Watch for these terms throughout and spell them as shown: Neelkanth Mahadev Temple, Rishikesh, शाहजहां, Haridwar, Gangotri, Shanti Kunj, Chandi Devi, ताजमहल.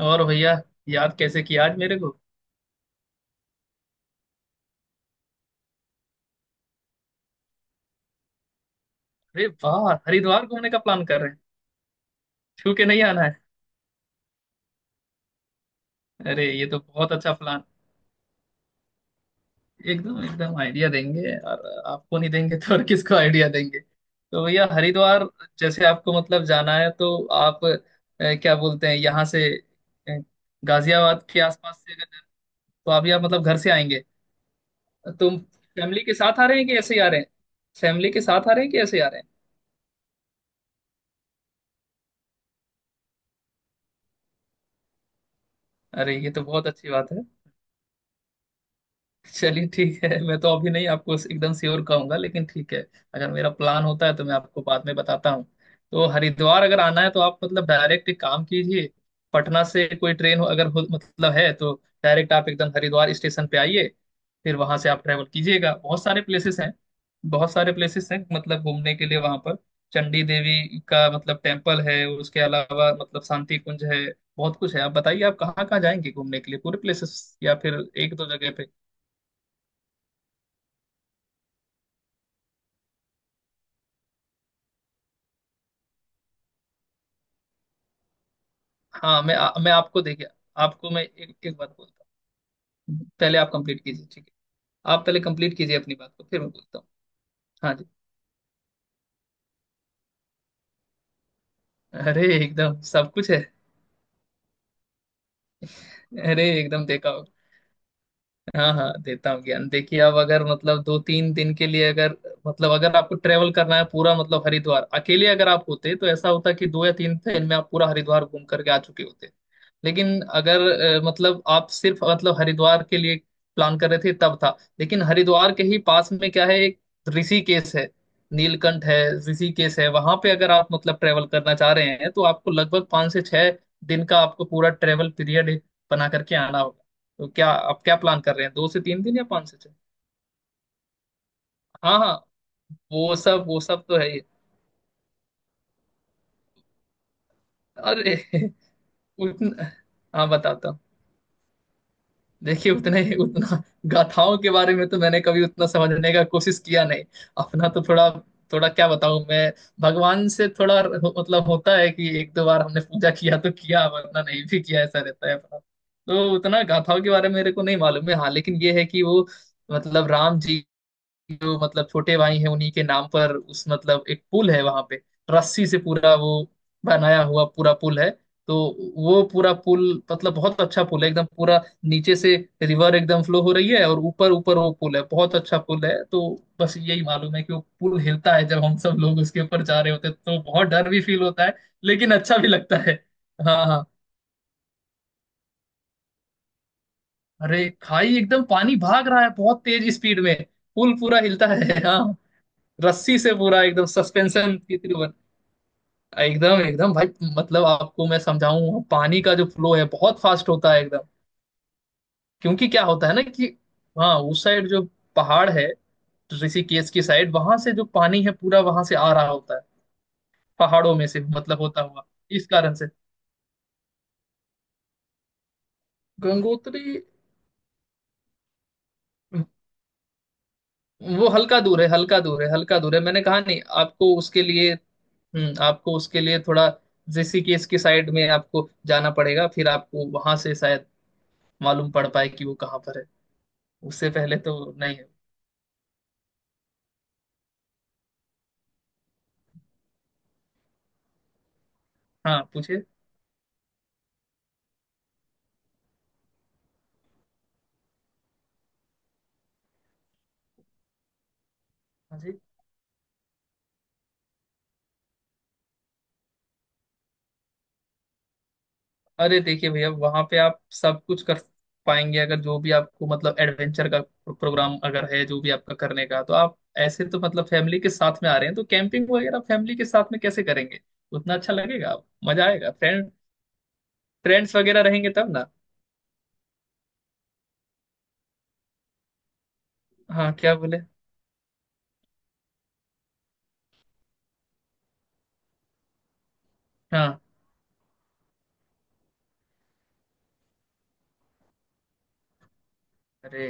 और भैया, याद कैसे किया आज मेरे को? अरे वाह, हरिद्वार घूमने का प्लान कर रहे हैं। छू के नहीं आना है। अरे ये तो बहुत अच्छा प्लान। एकदम एकदम आइडिया देंगे। और आपको नहीं देंगे तो और किसको आइडिया देंगे? तो भैया, हरिद्वार जैसे आपको मतलब जाना है तो आप क्या बोलते हैं, यहाँ से, अ, गाजियाबाद के आसपास से अगर? तो अभी आप मतलब घर से आएंगे? तो फैमिली के साथ आ रहे हैं कि ऐसे ही आ रहे हैं? फैमिली के साथ आ रहे हैं कि ऐसे ही आ रहे हैं? अरे ये तो बहुत अच्छी बात है। चलिए ठीक है, मैं तो अभी नहीं आपको एकदम श्योर कहूंगा, लेकिन ठीक है, अगर मेरा प्लान होता है तो मैं आपको बाद में बताता हूँ। तो हरिद्वार अगर आना है तो आप मतलब डायरेक्ट एक काम कीजिए, पटना से कोई ट्रेन हो अगर, हो मतलब, है तो डायरेक्ट आप एकदम हरिद्वार स्टेशन पे आइए। फिर वहां से आप ट्रैवल कीजिएगा, बहुत सारे प्लेसेस हैं। बहुत सारे प्लेसेस हैं मतलब घूमने के लिए वहां पर। चंडी देवी का मतलब टेम्पल है, उसके अलावा मतलब शांति कुंज है। बहुत कुछ है। आप बताइए आप कहाँ कहाँ जाएंगे घूमने के लिए, पूरे प्लेसेस, या फिर एक दो जगह पे? हाँ मैं आपको देखिए, आपको मैं एक बात बोलता हूँ, पहले आप कंप्लीट कीजिए, ठीक है, आप पहले कंप्लीट कीजिए अपनी बात को, फिर मैं बोलता हूँ। हाँ जी। अरे एकदम सब कुछ है। अरे एकदम देखा होगा। हाँ हाँ, देता हूँ ज्ञान। देखिए आप अगर मतलब 2-3 दिन के लिए, अगर मतलब, अगर आपको ट्रेवल करना है पूरा मतलब हरिद्वार अकेले, अगर आप होते तो ऐसा होता कि 2 या 3 दिन में आप पूरा हरिद्वार घूम करके आ चुके होते। लेकिन अगर मतलब आप सिर्फ मतलब हरिद्वार के लिए प्लान कर रहे थे तब था, लेकिन हरिद्वार के ही पास में क्या है? एक ऋषिकेश है, नीलकंठ है। ऋषिकेश है, वहां पे अगर आप मतलब ट्रेवल करना चाह रहे हैं तो आपको लगभग 5 से 6 दिन का आपको पूरा ट्रेवल पीरियड बना करके आना होगा। तो क्या आप क्या प्लान कर रहे हैं, 2 से 3 दिन या 5 से 6? हाँ हाँ। वो सब तो है ही। अरे उतना। हाँ बताता हूँ। देखिए उतने उतना गाथाओं के बारे में तो मैंने कभी उतना समझने का कोशिश किया नहीं। अपना तो थोड़ा। थोड़ा क्या बताऊँ मैं? भगवान से थोड़ा मतलब होता है कि एक दो बार हमने पूजा किया तो किया, वरना नहीं भी किया, ऐसा रहता है। अपना तो उतना गाथाओं के बारे में मेरे को नहीं मालूम है। हाँ, लेकिन ये है कि वो मतलब राम जी जो मतलब छोटे भाई हैं उन्हीं के नाम पर, उस मतलब एक पुल है वहां पे, रस्सी से पूरा वो बनाया हुआ पूरा पुल है। तो वो पूरा पुल मतलब बहुत अच्छा पुल है एकदम। पूरा नीचे से रिवर एकदम फ्लो हो रही है, और ऊपर ऊपर वो पुल है, बहुत अच्छा पुल है। तो बस यही मालूम है कि वो पुल हिलता है, जब हम सब लोग उसके ऊपर जा रहे होते हैं तो बहुत डर भी फील होता है, लेकिन अच्छा भी लगता है। हाँ हाँ। अरे खाई एकदम, पानी भाग रहा है बहुत तेज स्पीड में। पुल पूरा हिलता है, हाँ। रस्सी से पूरा एकदम सस्पेंशन की तरह एकदम एकदम भाई। मतलब आपको मैं समझाऊं, पानी का जो फ्लो है बहुत फास्ट होता है एकदम। क्योंकि क्या होता है ना कि, हाँ, उस साइड जो पहाड़ है, तो ऋषिकेश की साइड वहां से जो पानी है पूरा वहां से आ रहा होता है, पहाड़ों में से मतलब होता हुआ, इस कारण से। गंगोत्री वो हल्का दूर है, हल्का दूर है, हल्का दूर है। मैंने कहा नहीं आपको उसके लिए। आपको उसके लिए थोड़ा ऋषिकेश की साइड में आपको जाना पड़ेगा, फिर आपको वहां से शायद मालूम पड़ पाए कि वो कहाँ पर है। उससे पहले तो नहीं है। हाँ पूछिए। हाँ जी। अरे देखिए भैया, वहां पे आप सब कुछ कर पाएंगे, अगर जो भी आपको मतलब एडवेंचर का प्रोग्राम अगर है, जो भी आपका करने का, तो आप, ऐसे तो मतलब फैमिली के साथ में आ रहे हैं तो कैंपिंग वगैरह फैमिली के साथ में कैसे करेंगे? उतना अच्छा लगेगा। मजा आएगा फ्रेंड। फ्रेंड्स वगैरह रहेंगे तब ना। हाँ, क्या बोले? हाँ, अरे,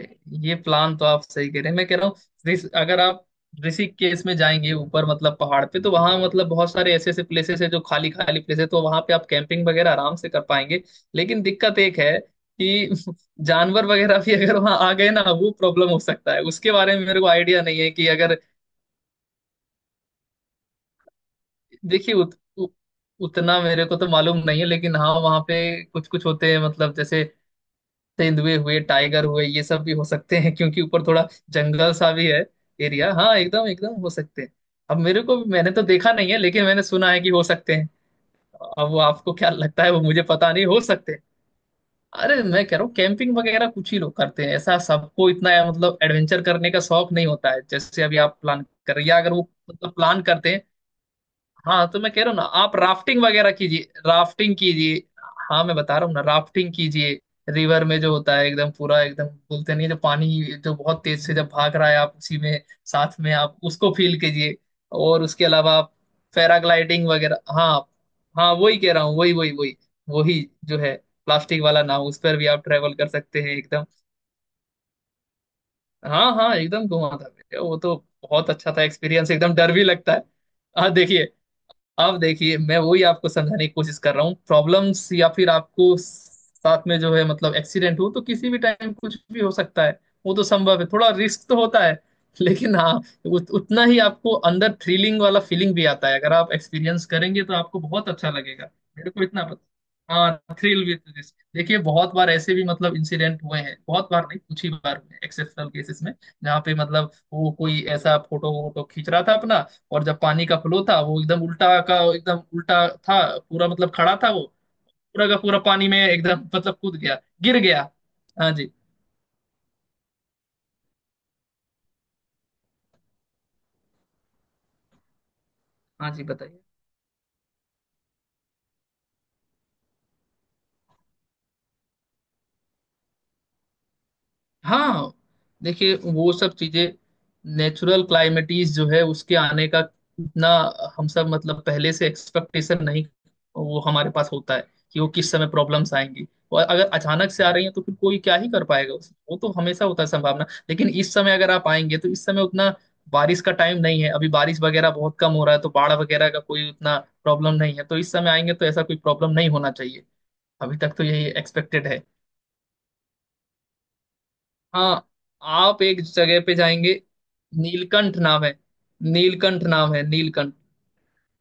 ये प्लान तो आप सही कह रहे हैं। मैं कह रहा हूँ, अगर आप ऋषिकेश में जाएंगे ऊपर मतलब पहाड़ पे, तो वहां मतलब बहुत सारे ऐसे ऐसे प्लेसेस है, जो खाली खाली प्लेस है, तो वहां पे आप कैंपिंग वगैरह आराम से कर पाएंगे। लेकिन दिक्कत एक है कि जानवर वगैरह भी अगर वहां आ गए ना, वो प्रॉब्लम हो सकता है, उसके बारे में मेरे को आइडिया नहीं है कि अगर। देखिए उ, उतना मेरे को तो मालूम नहीं है, लेकिन हाँ वहाँ पे कुछ कुछ होते हैं मतलब, जैसे तेंदुए हुए, टाइगर हुए, ये सब भी हो सकते हैं, क्योंकि ऊपर थोड़ा जंगल सा भी है एरिया। हाँ एकदम एकदम हो सकते हैं। अब मेरे को, मैंने तो देखा नहीं है, लेकिन मैंने सुना है कि हो सकते हैं। अब वो आपको क्या लगता है, वो मुझे पता नहीं, हो सकते हैं। अरे मैं कह रहा हूँ, कैंपिंग वगैरह कुछ ही लोग करते हैं ऐसा, सबको इतना मतलब एडवेंचर करने का शौक नहीं होता है जैसे अभी आप प्लान कर रहे हैं। या अगर वो मतलब प्लान करते हैं। हाँ तो मैं कह रहा हूँ ना, आप राफ्टिंग वगैरह कीजिए, राफ्टिंग कीजिए। हाँ मैं बता रहा हूँ ना, राफ्टिंग कीजिए। रिवर में जो होता है एकदम पूरा, एकदम बोलते नहीं है, जो पानी जो बहुत तेज से जब भाग रहा है, आप उसी में साथ में आप उसको फील कीजिए। और उसके अलावा आप पैराग्लाइडिंग वगैरह। हाँ हाँ वही कह रहा हूँ, वही वही वही वही जो है, प्लास्टिक वाला नाव, उस पर भी आप ट्रेवल कर सकते हैं एकदम। हाँ हाँ एकदम घुमा था भैया, वो तो बहुत अच्छा था एक्सपीरियंस, एकदम डर भी लगता है। हाँ देखिए, अब देखिए मैं वही आपको समझाने की कोशिश कर रहा हूँ, प्रॉब्लम्स या फिर आपको साथ में जो है मतलब एक्सीडेंट हो तो किसी भी टाइम कुछ भी हो सकता है, वो तो संभव है, थोड़ा रिस्क तो होता है। लेकिन हाँ, उतना ही आपको अंदर थ्रिलिंग वाला फीलिंग भी आता है, अगर आप एक्सपीरियंस करेंगे तो आपको बहुत अच्छा लगेगा। मेरे को इतना पता, हाँ, थ्रिल विद रिस्क। देखिए बहुत बार ऐसे भी मतलब इंसिडेंट हुए हैं, बहुत बार नहीं, कुछ ही बार हुए एक्सेप्शनल केसेस में, जहाँ पे मतलब वो कोई ऐसा फोटो वोटो खींच रहा था अपना, और जब पानी का फ्लो था वो एकदम उल्टा का एकदम उल्टा था पूरा मतलब, खड़ा था वो, पूरा का पूरा पानी में एकदम मतलब कूद गया, गिर गया। हाँ जी। हाँ जी, बताइए। हाँ देखिए, वो सब चीजें नेचुरल क्लाइमेटीज जो है उसके आने का इतना हम सब मतलब पहले से एक्सपेक्टेशन नहीं वो हमारे पास होता है कि वो किस समय प्रॉब्लम्स आएंगी। और अगर अचानक से आ रही है तो फिर कोई क्या ही कर पाएगा उसे, वो तो हमेशा होता है संभावना। लेकिन इस समय अगर आप आएंगे तो इस समय उतना बारिश का टाइम नहीं है, अभी बारिश वगैरह बहुत कम हो रहा है, तो बाढ़ वगैरह का कोई उतना प्रॉब्लम नहीं है। तो इस समय आएंगे तो ऐसा कोई प्रॉब्लम नहीं होना चाहिए, अभी तक तो यही एक्सपेक्टेड है। हाँ, आप एक जगह पे जाएंगे। नीलकंठ नाम है, नीलकंठ नाम है, नीलकंठ।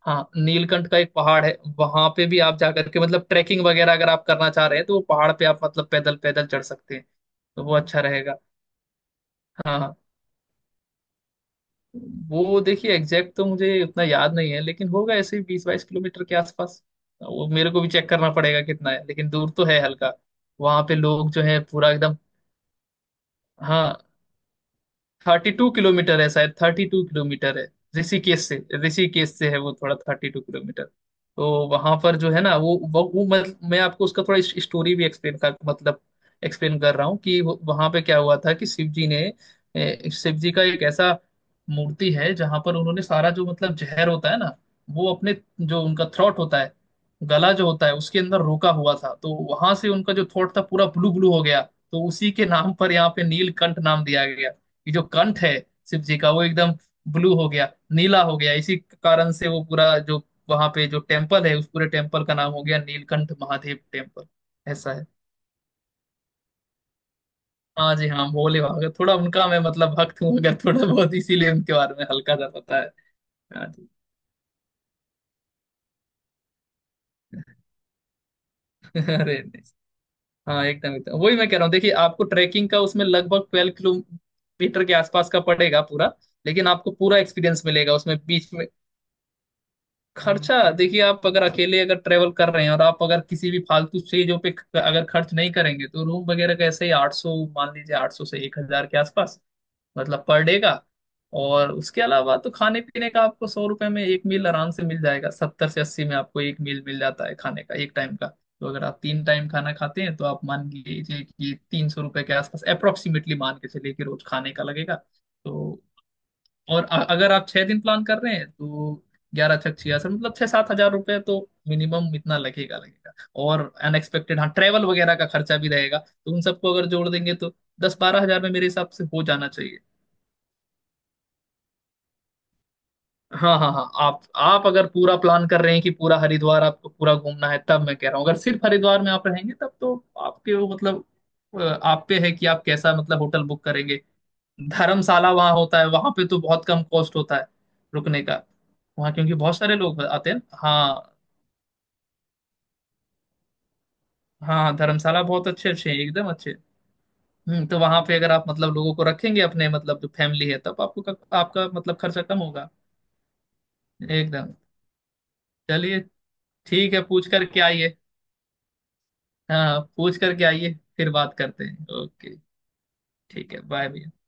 हाँ, नीलकंठ का एक पहाड़ है। वहां पे भी आप जाकर के मतलब ट्रैकिंग वगैरह अगर आप करना चाह रहे हैं तो वो पहाड़ पे आप मतलब पैदल पैदल चढ़ सकते हैं, तो वो अच्छा रहेगा। हाँ हाँ, वो देखिए एग्जैक्ट तो मुझे उतना याद नहीं है, लेकिन होगा ऐसे ही 20-22 किलोमीटर के आसपास। वो मेरे को भी चेक करना पड़ेगा कितना है, लेकिन दूर तो है हल्का। वहां पे लोग जो है पूरा एकदम। हाँ, 32 किलोमीटर है शायद, 32 किलोमीटर है ऋषिकेश से। ऋषिकेश से है वो थोड़ा, 32 किलोमीटर। तो वहां पर जो है ना, वो मतलब मैं आपको उसका थोड़ा स्टोरी भी एक्सप्लेन कर, मतलब एक्सप्लेन कर रहा हूँ कि वहां पे क्या हुआ था, कि शिव जी का एक ऐसा मूर्ति है जहां पर उन्होंने सारा जो मतलब जहर होता है ना, वो अपने जो उनका थ्रॉट होता है, गला जो होता है उसके अंदर रोका हुआ था, तो वहां से उनका जो थ्रॉट था पूरा ब्लू ब्लू हो गया। तो उसी के नाम पर यहाँ पे नीलकंठ नाम दिया गया, कि जो कंठ है शिव जी का वो एकदम ब्लू हो गया, नीला हो गया, इसी कारण से वो पूरा जो वहां पे जो टेम्पल है उस पूरे टेम्पल का नाम हो गया नीलकंठ महादेव टेम्पल। ऐसा है। हाँ जी, हाँ, भोले बाबा का थोड़ा उनका मैं मतलब भक्त हूँ अगर, थोड़ा बहुत, इसीलिए उनके बारे में हल्का सा पता है। हाँ जी, अरे नहीं। हाँ एकदम एकदम वही मैं कह रहा हूँ, देखिए आपको ट्रैकिंग का उसमें लगभग 12 किलोमीटर के आसपास का पड़ेगा पूरा, लेकिन आपको पूरा एक्सपीरियंस मिलेगा उसमें बीच में। खर्चा देखिए, आप अगर अकेले अगर ट्रेवल कर रहे हैं, और आप अगर किसी भी फालतू चीजों पे अगर खर्च नहीं करेंगे, तो रूम वगैरह का ऐसे ही 800, मान लीजिए 800 से 1,000 के आसपास, मतलब पर डे का। और उसके अलावा तो खाने पीने का आपको 100 रुपए में एक मील आराम से मिल जाएगा, 70 से 80 में आपको एक मील मिल जाता है खाने का एक टाइम का। तो अगर आप 3 टाइम खाना खाते हैं, तो आप मान लीजिए कि 300 रुपए के आसपास, अप्रोक्सीमेटली मान के चलिए कि रोज खाने का लगेगा। तो और अगर आप 6 दिन प्लान कर रहे हैं तो 11, 6, 66, मतलब 6-7 हजार रुपये तो मिनिमम इतना लगेगा लगेगा। और अनएक्सपेक्टेड, हाँ, ट्रेवल वगैरह का खर्चा भी रहेगा, तो उन सबको अगर जोड़ देंगे तो 10-12 हजार में मेरे हिसाब से हो जाना चाहिए। हाँ हाँ हाँ, आप अगर पूरा प्लान कर रहे हैं कि पूरा हरिद्वार आपको पूरा घूमना है तब मैं कह रहा हूँ, अगर सिर्फ हरिद्वार में आप रहेंगे तब तो आपके वो मतलब, आप पे है कि आप कैसा मतलब होटल बुक करेंगे। धर्मशाला वहां होता है, वहां पे तो बहुत कम कॉस्ट होता है रुकने का। वहां क्योंकि बहुत सारे लोग आते हैं ना। हाँ, हाँ, धर्मशाला बहुत अच्छे अच्छे हैं, एकदम अच्छे। तो वहां पे अगर आप मतलब लोगों को रखेंगे अपने मतलब जो फैमिली है, तब आपको आपका मतलब खर्चा कम होगा। एकदम। चलिए। ठीक है, पूछ करके आइए। हाँ पूछ करके आइए, फिर बात करते हैं, ओके। ठीक है, बाय भैया।